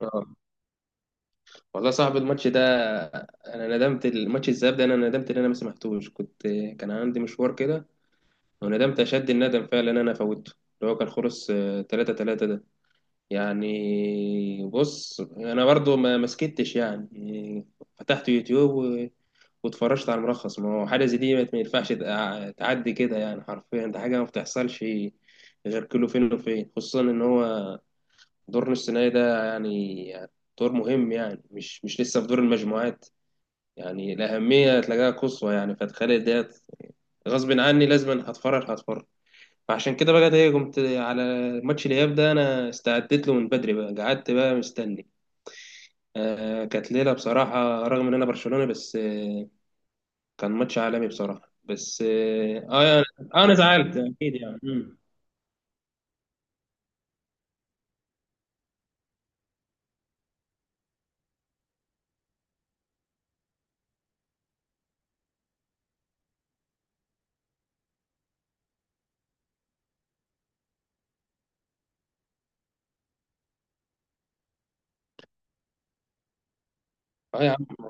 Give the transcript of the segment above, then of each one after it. اه، والله صاحب الماتش ده. انا ندمت الماتش الذهاب ده، انا ندمت ان انا ما سمعتوش. كنت كان عندي مشوار كده. وندمت اشد الندم فعلا ان انا فوتته، اللي هو كان خلص 3-3 ده. يعني بص انا برضو ما مسكتش يعني، فتحت يوتيوب واتفرجت على الملخص. ما هو حاجه زي دي ما ينفعش تعدي كده، يعني حرفيا ده حاجه ما بتحصلش، غير كله فين وفين. خصوصا ان هو دور نص نهائي ده، يعني دور مهم، يعني مش لسه في دور المجموعات. يعني الأهمية تلاقيها قصوى، يعني فتخيل ديت غصب عني لازم هتفرج هتفرج. فعشان كده بقى ايه، قمت على ماتش الإياب ده، أنا استعدت له من بدري بقى، قعدت بقى مستني. آه، كانت ليلة بصراحة رغم إن أنا برشلوني، بس آه، كان ماتش عالمي بصراحة. بس اه يعني أنا زعلت أكيد، يعني اه يا عم،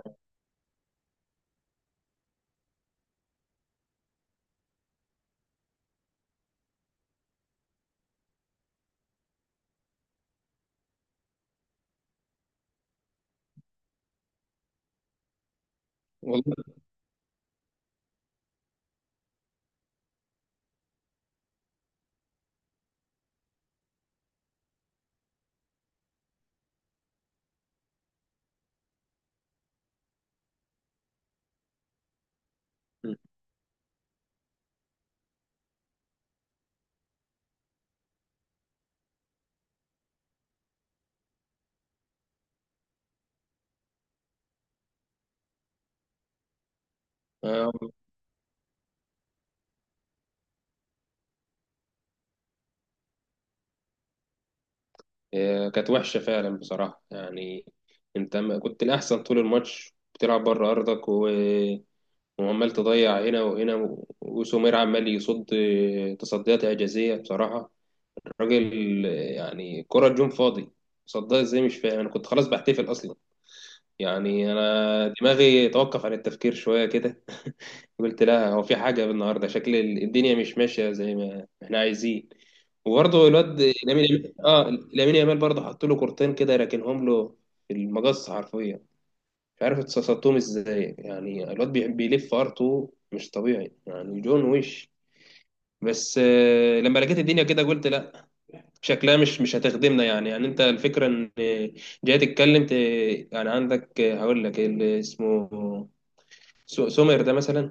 والله. آه، كانت وحشة فعلا بصراحة يعني. انت كنت الأحسن طول الماتش، بتلعب بره أرضك وعمال تضيع هنا وهنا، وسومير عمال يصد، تصديات إعجازية بصراحة الراجل. يعني كرة جون فاضي، صدها ازاي مش فاهم. أنا كنت خلاص بحتفل أصلا، يعني انا دماغي توقف عن التفكير شويه كده. قلت لا، هو في حاجه النهارده، شكل الدنيا مش ماشيه زي ما احنا عايزين. وبرضه الواد لامين، اه لامين يامال برضه حط له كورتين كده، راكنهم له في المقص حرفيا. مش عارف اتصصتهم ازاي، يعني الواد بيلف ارتو مش طبيعي، يعني جون وش. بس لما لقيت الدنيا كده قلت لا، شكلها مش هتخدمنا. يعني يعني انت الفكره ان جاي تتكلم يعني عندك، هقول لك اللي اسمه سومر ده مثلا،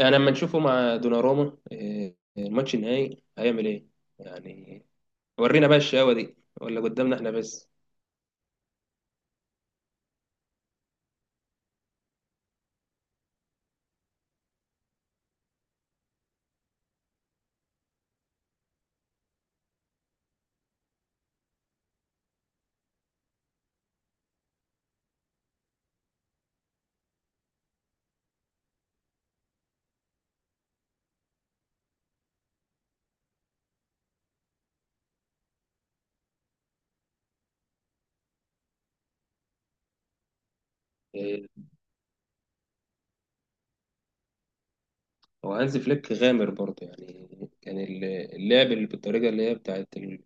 يعني لما نشوفه مع دوناروما الماتش النهائي هيعمل ايه يعني. ورينا بقى الشقاوة دي، ولا قدامنا احنا بس؟ آه، هو هانز فليك غامر برضه يعني. كان اللعب اللي بالطريقة اللي هي بتاعت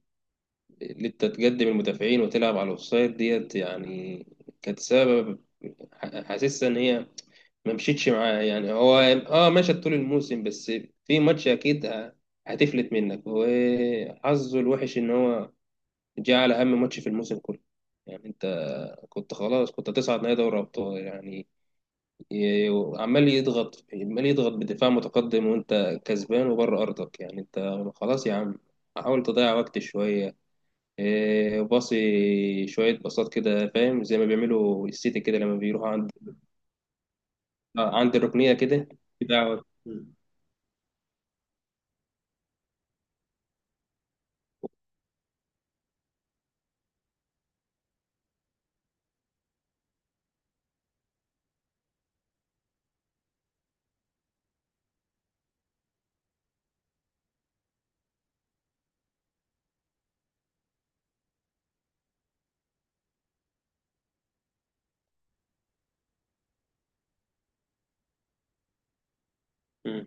اللي انت تقدم المدافعين وتلعب على الاوفسايد ديت، يعني كانت سبب، حاسسها ان هي ما مشيتش معاه. يعني هو اه مشى طول الموسم، بس في ماتش اكيد هتفلت منك، وحظه الوحش ان هو جه على اهم ماتش في الموسم كله. يعني انت كنت خلاص، كنت هتصعد نهائي دوري ابطال يعني. ي- عمال يضغط عمال يضغط بدفاع متقدم، وانت كسبان وبره ارضك، يعني انت خلاص يا عم حاول تضيع وقت شويه. إيه، باصي شويه باصات كده فاهم، زي ما بيعملوا السيتي كده لما بيروحوا عند عند الركنيه كده بتاع. مم.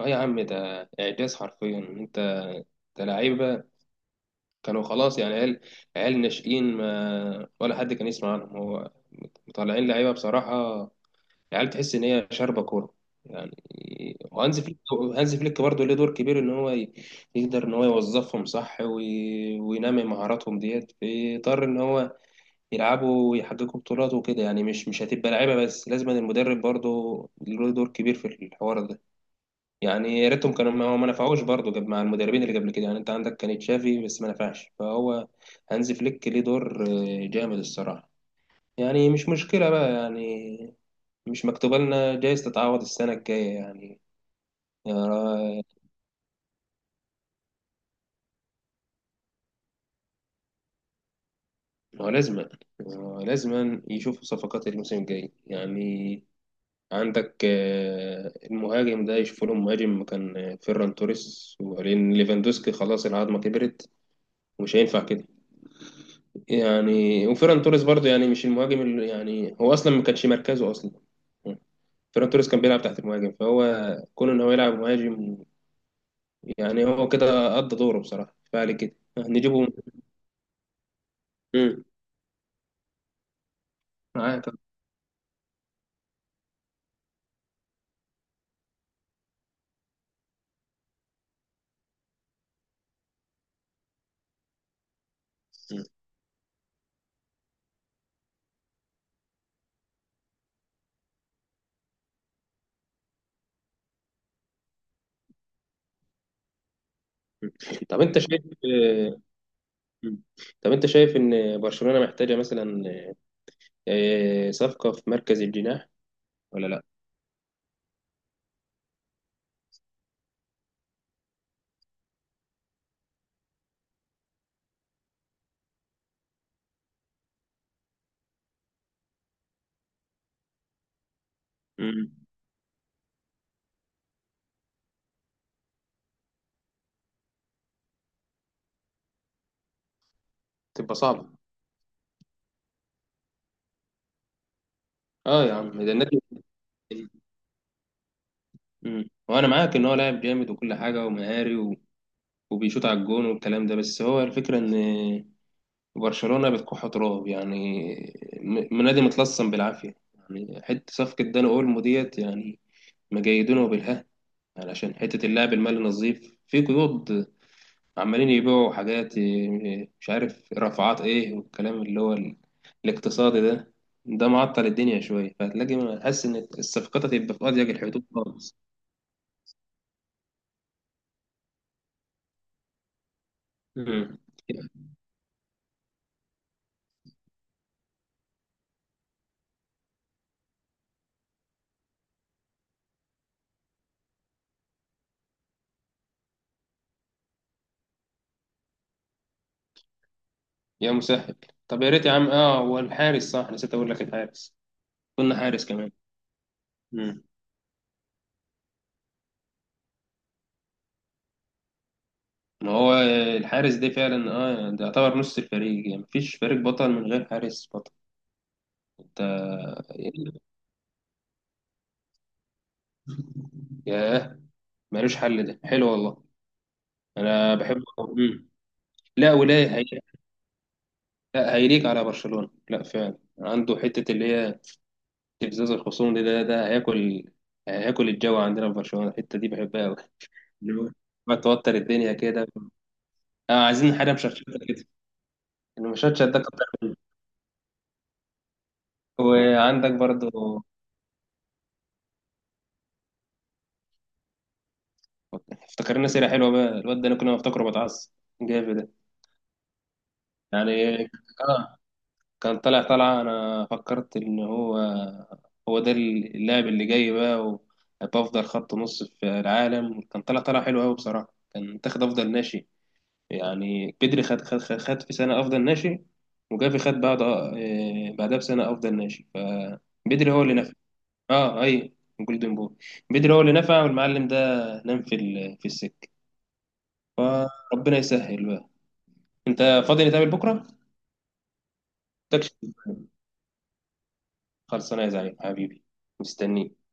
اه يا عم، ده اعجاز حرفيا. انت ده لعيبه كانوا خلاص يعني، عيال، عيال ناشئين ما ولا حد كان يسمع عنهم، هو مطلعين لعيبه بصراحه، عيال تحس ان هي شاربه كوره يعني. وهانز فليك، هانز فليك برضه ليه دور كبير، ان هو يقدر ان هو يوظفهم صح، وينمي مهاراتهم ديت، فيضطر ان هو يلعبوا ويحققوا بطولات وكده. يعني مش هتبقى لعيبه بس، لازم المدرب برضه له دور كبير في الحوار ده. يعني يا ريتهم كانوا، ما هو ما نفعوش برضه جاب مع المدربين اللي قبل كده. يعني انت عندك كان تشافي بس ما نفعش، فهو هانز فليك ليه دور جامد الصراحة. يعني مش مشكلة بقى يعني، مش مكتوبة لنا، جايز تتعوض السنة الجاية يعني. آه، هو لازما، هو لازما يشوفوا صفقات الموسم الجاي يعني. عندك المهاجم ده يشوفوا له مهاجم مكان فيران توريس، وبعدين ليفاندوسكي خلاص العظمة كبرت ومش هينفع كده يعني. وفيران توريس برضه يعني مش المهاجم اللي يعني، هو اصلا ما كانش مركزه اصلا، فيران توريس كان بيلعب تحت المهاجم، فهو كون ان هو يلعب مهاجم، يعني هو كده قضى دوره بصراحه فعلي كده نجيبه. امم، معاك. مم. طب انت شايف، مم. طب انت شايف ان برشلونه محتاجه مثلا صفقه في مركز الجناح ولا لا؟ مم. تبقى صعبة. اه يا عم ده النادي. وانا معاك ان هو لاعب جامد وكل حاجه ومهاري، وبيشوط على الجون والكلام ده، بس هو الفكرة إن برشلونة بتكح تراب يعني، نادي متلصم بالعافية يعني. حتة صفقة داني أولمو ديت يعني مجيدونه بالها، يعني عشان حتة اللاعب المالي نظيف في قيود، عمالين يبيعوا حاجات إيه، مش عارف رفعات إيه، والكلام اللي هو الاقتصادي ده. ده معطل الدنيا شوية، فهتلاقي حاسس إن الصفقات هتبقى في أضيق الحدود خالص. مم. يا مسهل. طب يا ريت يا عم، اه هو الحارس صح نسيت اقول لك، الحارس كنا حارس كمان. مم. ما هو الحارس ده فعلا اه، ده يعتبر نص الفريق، يعني مفيش فريق بطل من غير حارس بطل. انت، ياه، ملوش حل ده، حلو والله. انا بحبه. لا، لا، هيليق على برشلونة. لا فعلا عنده حتة اللي هي استفزاز الخصوم دي، ده، ده هياكل، هياكل الجو عندنا في برشلونة الحتة دي بحبها قوي. اللي هو بتوتر الدنيا كده. اه، عايزين حاجة مشطشطة كده. المشطشط ده كتر منه. وعندك برضو، افتكرنا سيرة حلوة بقى، الواد ده أنا كنا بفتكره بتعصب، جافي ده يعني. آه، كان طالع طالعة، أنا فكرت إن هو، هو ده اللاعب اللي جاي بقى وهيبقى أفضل خط نص في العالم، كان طالع طالع حلو أوي بصراحة، كان تاخد أفضل ناشئ يعني بدري. خد خد في سنة أفضل ناشئ، وجافي خد بعد بعدها بسنة أفضل ناشئ، فبدري هو اللي نفع. أه أي، جولدن بوي. بدري هو اللي نفع، والمعلم ده نام في في السكة. فربنا يسهل بقى. انت فاضي نتقابل بكره؟ متكش، خلصانه يا زعيم حبيبي، مستنيك